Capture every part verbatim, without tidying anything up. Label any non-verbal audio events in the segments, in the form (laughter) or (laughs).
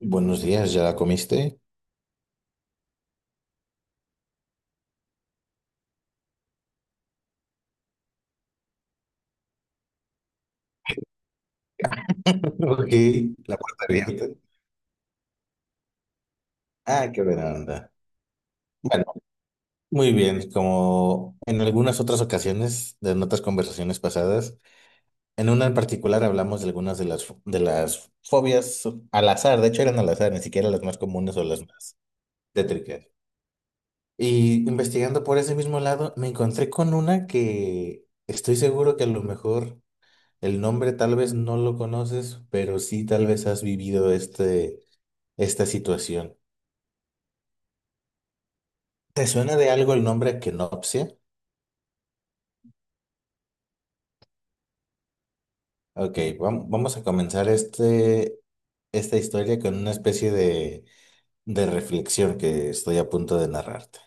Buenos días, ¿ya la comiste? (laughs) Aquí, la puerta abierta. Ah, qué buena onda. Bueno, muy bien, como en algunas otras ocasiones de en otras conversaciones pasadas, en una en particular hablamos de algunas de las, de las fobias al azar, de hecho eran al azar, ni siquiera las más comunes o las más tétricas. Y investigando por ese mismo lado, me encontré con una que estoy seguro que a lo mejor el nombre tal vez no lo conoces, pero sí tal vez has vivido este, esta situación. ¿Te suena de algo el nombre Kenopsia? Ok, vam- vamos a comenzar este, esta historia con una especie de, de reflexión que estoy a punto de narrarte.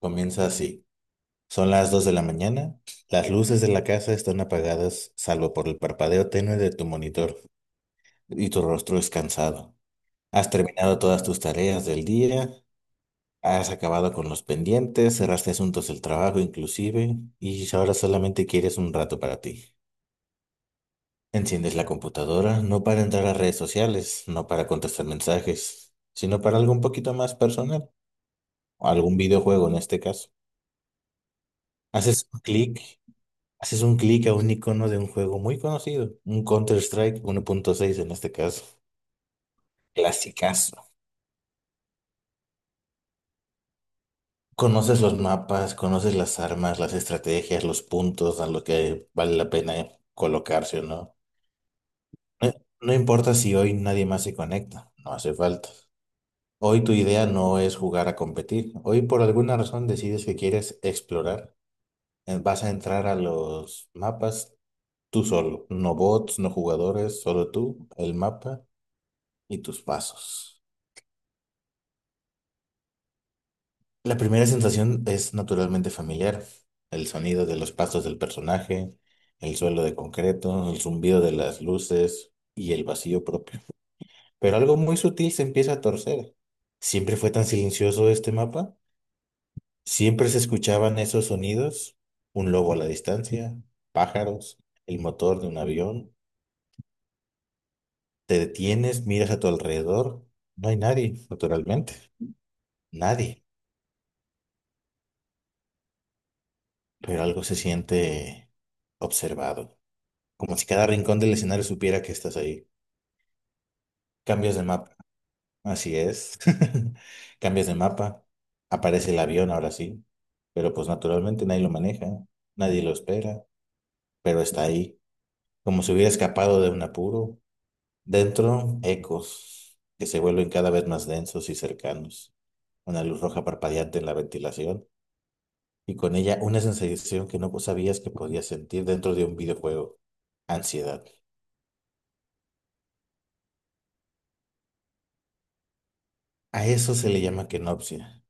Comienza así. Son las dos de la mañana. Las luces de la casa están apagadas, salvo por el parpadeo tenue de tu monitor, y tu rostro es cansado. Has terminado todas tus tareas del día, has acabado con los pendientes, cerraste asuntos del trabajo inclusive, y ahora solamente quieres un rato para ti. Enciendes la computadora no para entrar a redes sociales, no para contestar mensajes, sino para algo un poquito más personal, o algún videojuego en este caso. Haces un clic, haces un clic a un icono de un juego muy conocido, un Counter-Strike uno punto seis en este caso, clasicazo. Conoces los mapas, conoces las armas, las estrategias, los puntos a lo que vale la pena colocarse o no. No no importa si hoy nadie más se conecta, no hace falta. Hoy tu idea no es jugar a competir. Hoy por alguna razón decides que quieres explorar. Eh, Vas a entrar a los mapas tú solo. No bots, no jugadores, solo tú, el mapa y tus pasos. La primera sensación es naturalmente familiar. El sonido de los pasos del personaje, el suelo de concreto, el zumbido de las luces y el vacío propio. Pero algo muy sutil se empieza a torcer. ¿Siempre fue tan silencioso este mapa? Siempre se escuchaban esos sonidos, un lobo a la distancia, pájaros, el motor de un avión. Te detienes, miras a tu alrededor, no hay nadie, naturalmente, nadie, pero algo se siente observado, como si cada rincón del escenario supiera que estás ahí. Cambias de mapa, así es, (laughs) cambias de mapa, aparece el avión ahora sí, pero pues naturalmente nadie lo maneja, nadie lo espera, pero está ahí, como si hubiera escapado de un apuro. Dentro, ecos que se vuelven cada vez más densos y cercanos. Una luz roja parpadeante en la ventilación y con ella una sensación que no sabías que podías sentir dentro de un videojuego. Ansiedad. A eso se le llama kenopsia.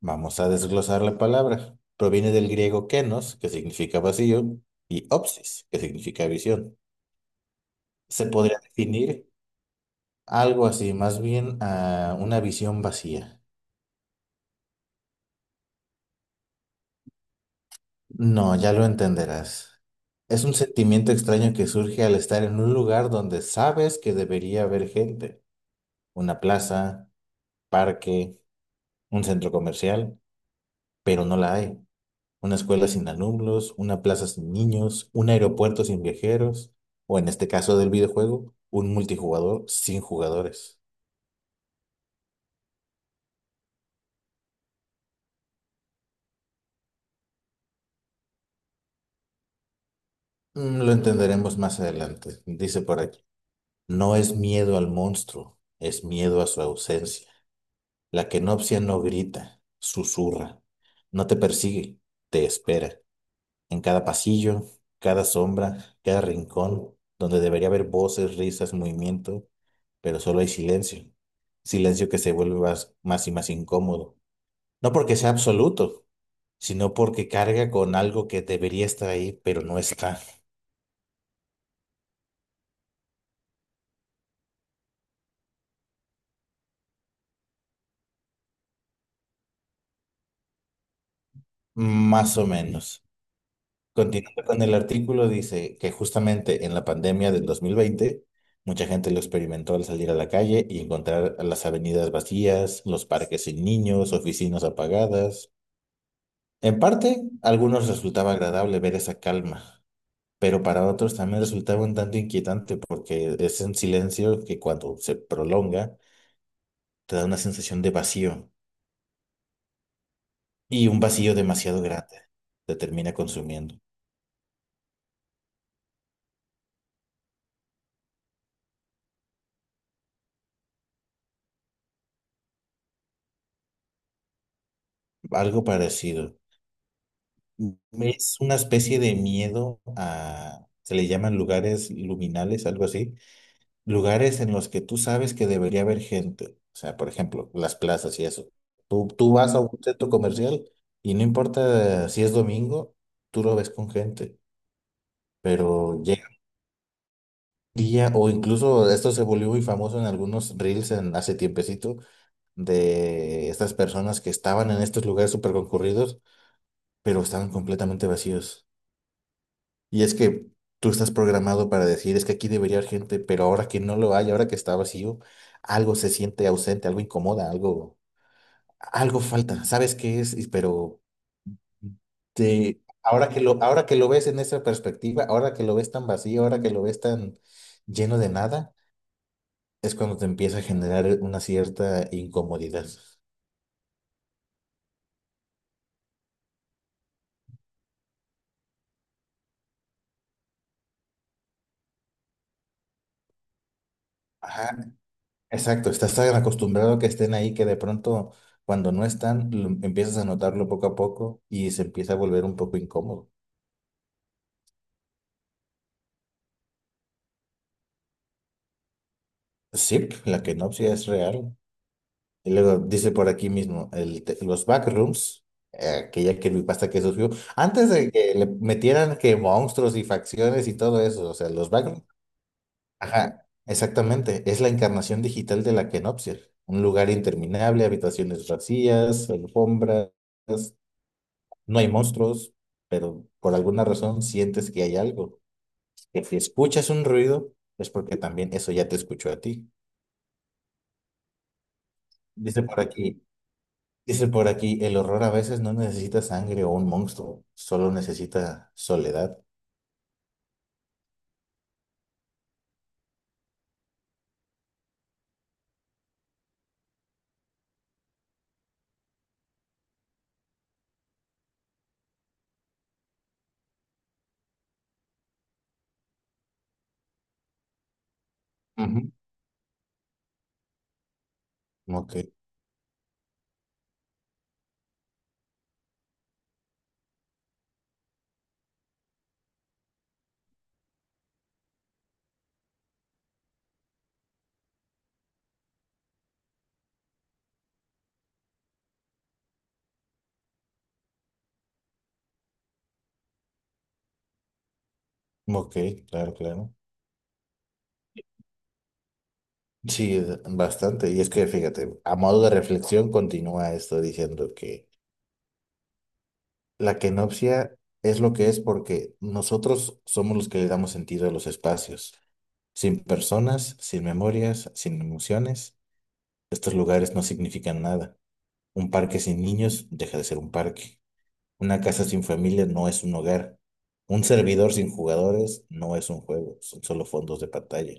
Vamos a desglosar la palabra. Proviene del griego kenos, que significa vacío, y opsis, que significa visión. Se podría definir algo así, más bien a una visión vacía. No, ya lo entenderás. Es un sentimiento extraño que surge al estar en un lugar donde sabes que debería haber gente. Una plaza, parque, un centro comercial, pero no la hay. Una escuela sin alumnos, una plaza sin niños, un aeropuerto sin viajeros, o en este caso del videojuego, un multijugador sin jugadores. Mm, lo entenderemos más adelante, dice por aquí. No es miedo al monstruo, es miedo a su ausencia. La kenopsia no grita, susurra, no te persigue, te espera. En cada pasillo, cada sombra, cada rincón, donde debería haber voces, risas, movimiento, pero solo hay silencio. Silencio que se vuelve más, más y más incómodo. No porque sea absoluto, sino porque carga con algo que debería estar ahí, pero no está. Más o menos. Continuando con el artículo, dice que justamente en la pandemia del dos mil veinte, mucha gente lo experimentó al salir a la calle y encontrar a las avenidas vacías, los parques sin niños, oficinas apagadas. En parte, a algunos resultaba agradable ver esa calma, pero para otros también resultaba un tanto inquietante porque es un silencio que cuando se prolonga te da una sensación de vacío y un vacío demasiado grande te termina consumiendo. Algo parecido. Es una especie de miedo a, se le llaman lugares luminales, algo así, lugares en los que tú sabes que debería haber gente. O sea, por ejemplo, las plazas y eso. Tú, tú vas a un centro comercial y no importa si es domingo, tú lo ves con gente, pero llega un día, o incluso esto se volvió muy famoso en algunos reels en, hace tiempecito, de estas personas que estaban en estos lugares súper concurridos, pero estaban completamente vacíos. Y es que tú estás programado para decir, es que aquí debería haber gente, pero ahora que no lo hay, ahora que está vacío, algo se siente ausente, algo incomoda, algo, algo falta. ¿Sabes qué es? Y, pero te, ahora que lo, ahora que lo ves en esa perspectiva, ahora que lo ves tan vacío, ahora que lo ves tan lleno de nada, es cuando te empieza a generar una cierta incomodidad. Ajá, exacto, estás tan acostumbrado a que estén ahí que de pronto cuando no están, lo- empiezas a notarlo poco a poco y se empieza a volver un poco incómodo. Sí, la kenopsia es real. Y luego dice por aquí mismo, el te- los backrooms, eh, aquella creepypasta que surgió, antes de que le metieran que monstruos y facciones y todo eso, o sea, los backrooms, ajá, exactamente, es la encarnación digital de la kenopsia. Un lugar interminable, habitaciones vacías, alfombras, no hay monstruos, pero por alguna razón sientes que hay algo. Que si escuchas un ruido, es porque también eso ya te escuchó a ti. Dice por aquí. Dice por aquí, el horror a veces no necesita sangre o un monstruo, solo necesita soledad. Ujú. Ok, ok, claro, claro. Sí, es bastante. Y es que fíjate, a modo de reflexión continúa esto diciendo que la kenopsia es lo que es porque nosotros somos los que le damos sentido a los espacios. Sin personas, sin memorias, sin emociones, estos lugares no significan nada. Un parque sin niños deja de ser un parque. Una casa sin familia no es un hogar. Un servidor sin jugadores no es un juego, son solo fondos de pantalla.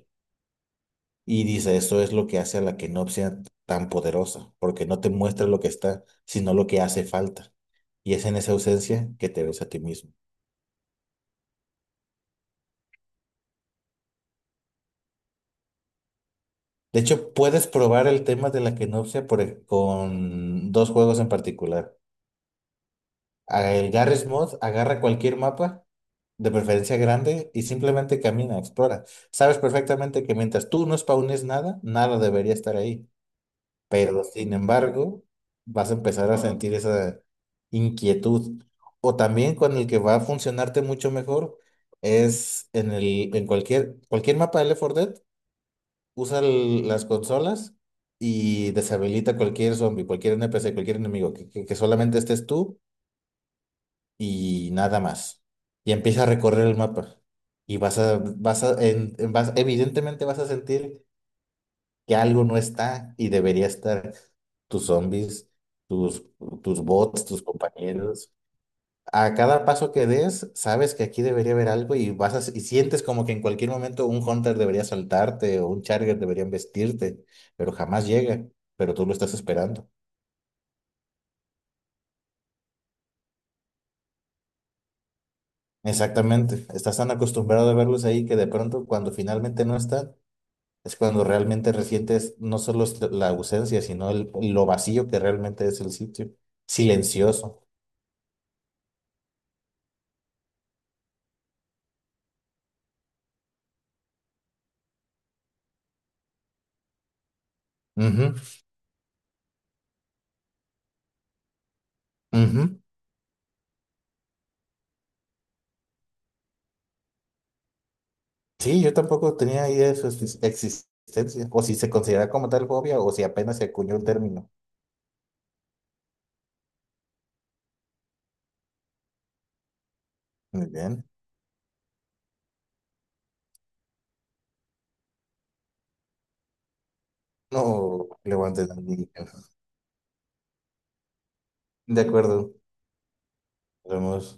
Y dice, eso es lo que hace a la Kenopsia tan poderosa, porque no te muestra lo que está, sino lo que hace falta. Y es en esa ausencia que te ves a ti mismo. De hecho, puedes probar el tema de la Kenopsia por e- con dos juegos en particular. Ah, el Garry's Mod agarra cualquier mapa, de preferencia grande, y simplemente camina, explora. Sabes perfectamente que mientras tú no spawnes nada, nada debería estar ahí. Pero sin embargo, vas a empezar a sentir esa inquietud. O también con el que va a funcionarte mucho mejor es en el, en cualquier, cualquier mapa de Left four Dead, usa el- las consolas y deshabilita cualquier zombie, cualquier N P C, cualquier enemigo, que, que que solamente estés tú y nada más. Y empieza a recorrer el mapa. Y vas a, vas a, en- en- vas- evidentemente vas a sentir que algo no está y debería estar. Tus zombies, tus, tus bots, tus compañeros. A cada paso que des, sabes que aquí debería haber algo y vas a, y sientes como que en cualquier momento un Hunter debería saltarte o un Charger debería embestirte, pero jamás llega, pero tú lo estás esperando. Exactamente, estás tan acostumbrado a verlos ahí que de pronto cuando finalmente no están, es cuando realmente resientes no solo es la ausencia, sino el, lo vacío que realmente es el sitio. Silencioso. Ujú, ujú. Sí, yo tampoco tenía idea de su exis- existencia. O si se considera como tal fobia o si apenas se acuñó el término. Muy bien. No levanten al niño. De acuerdo. Vamos.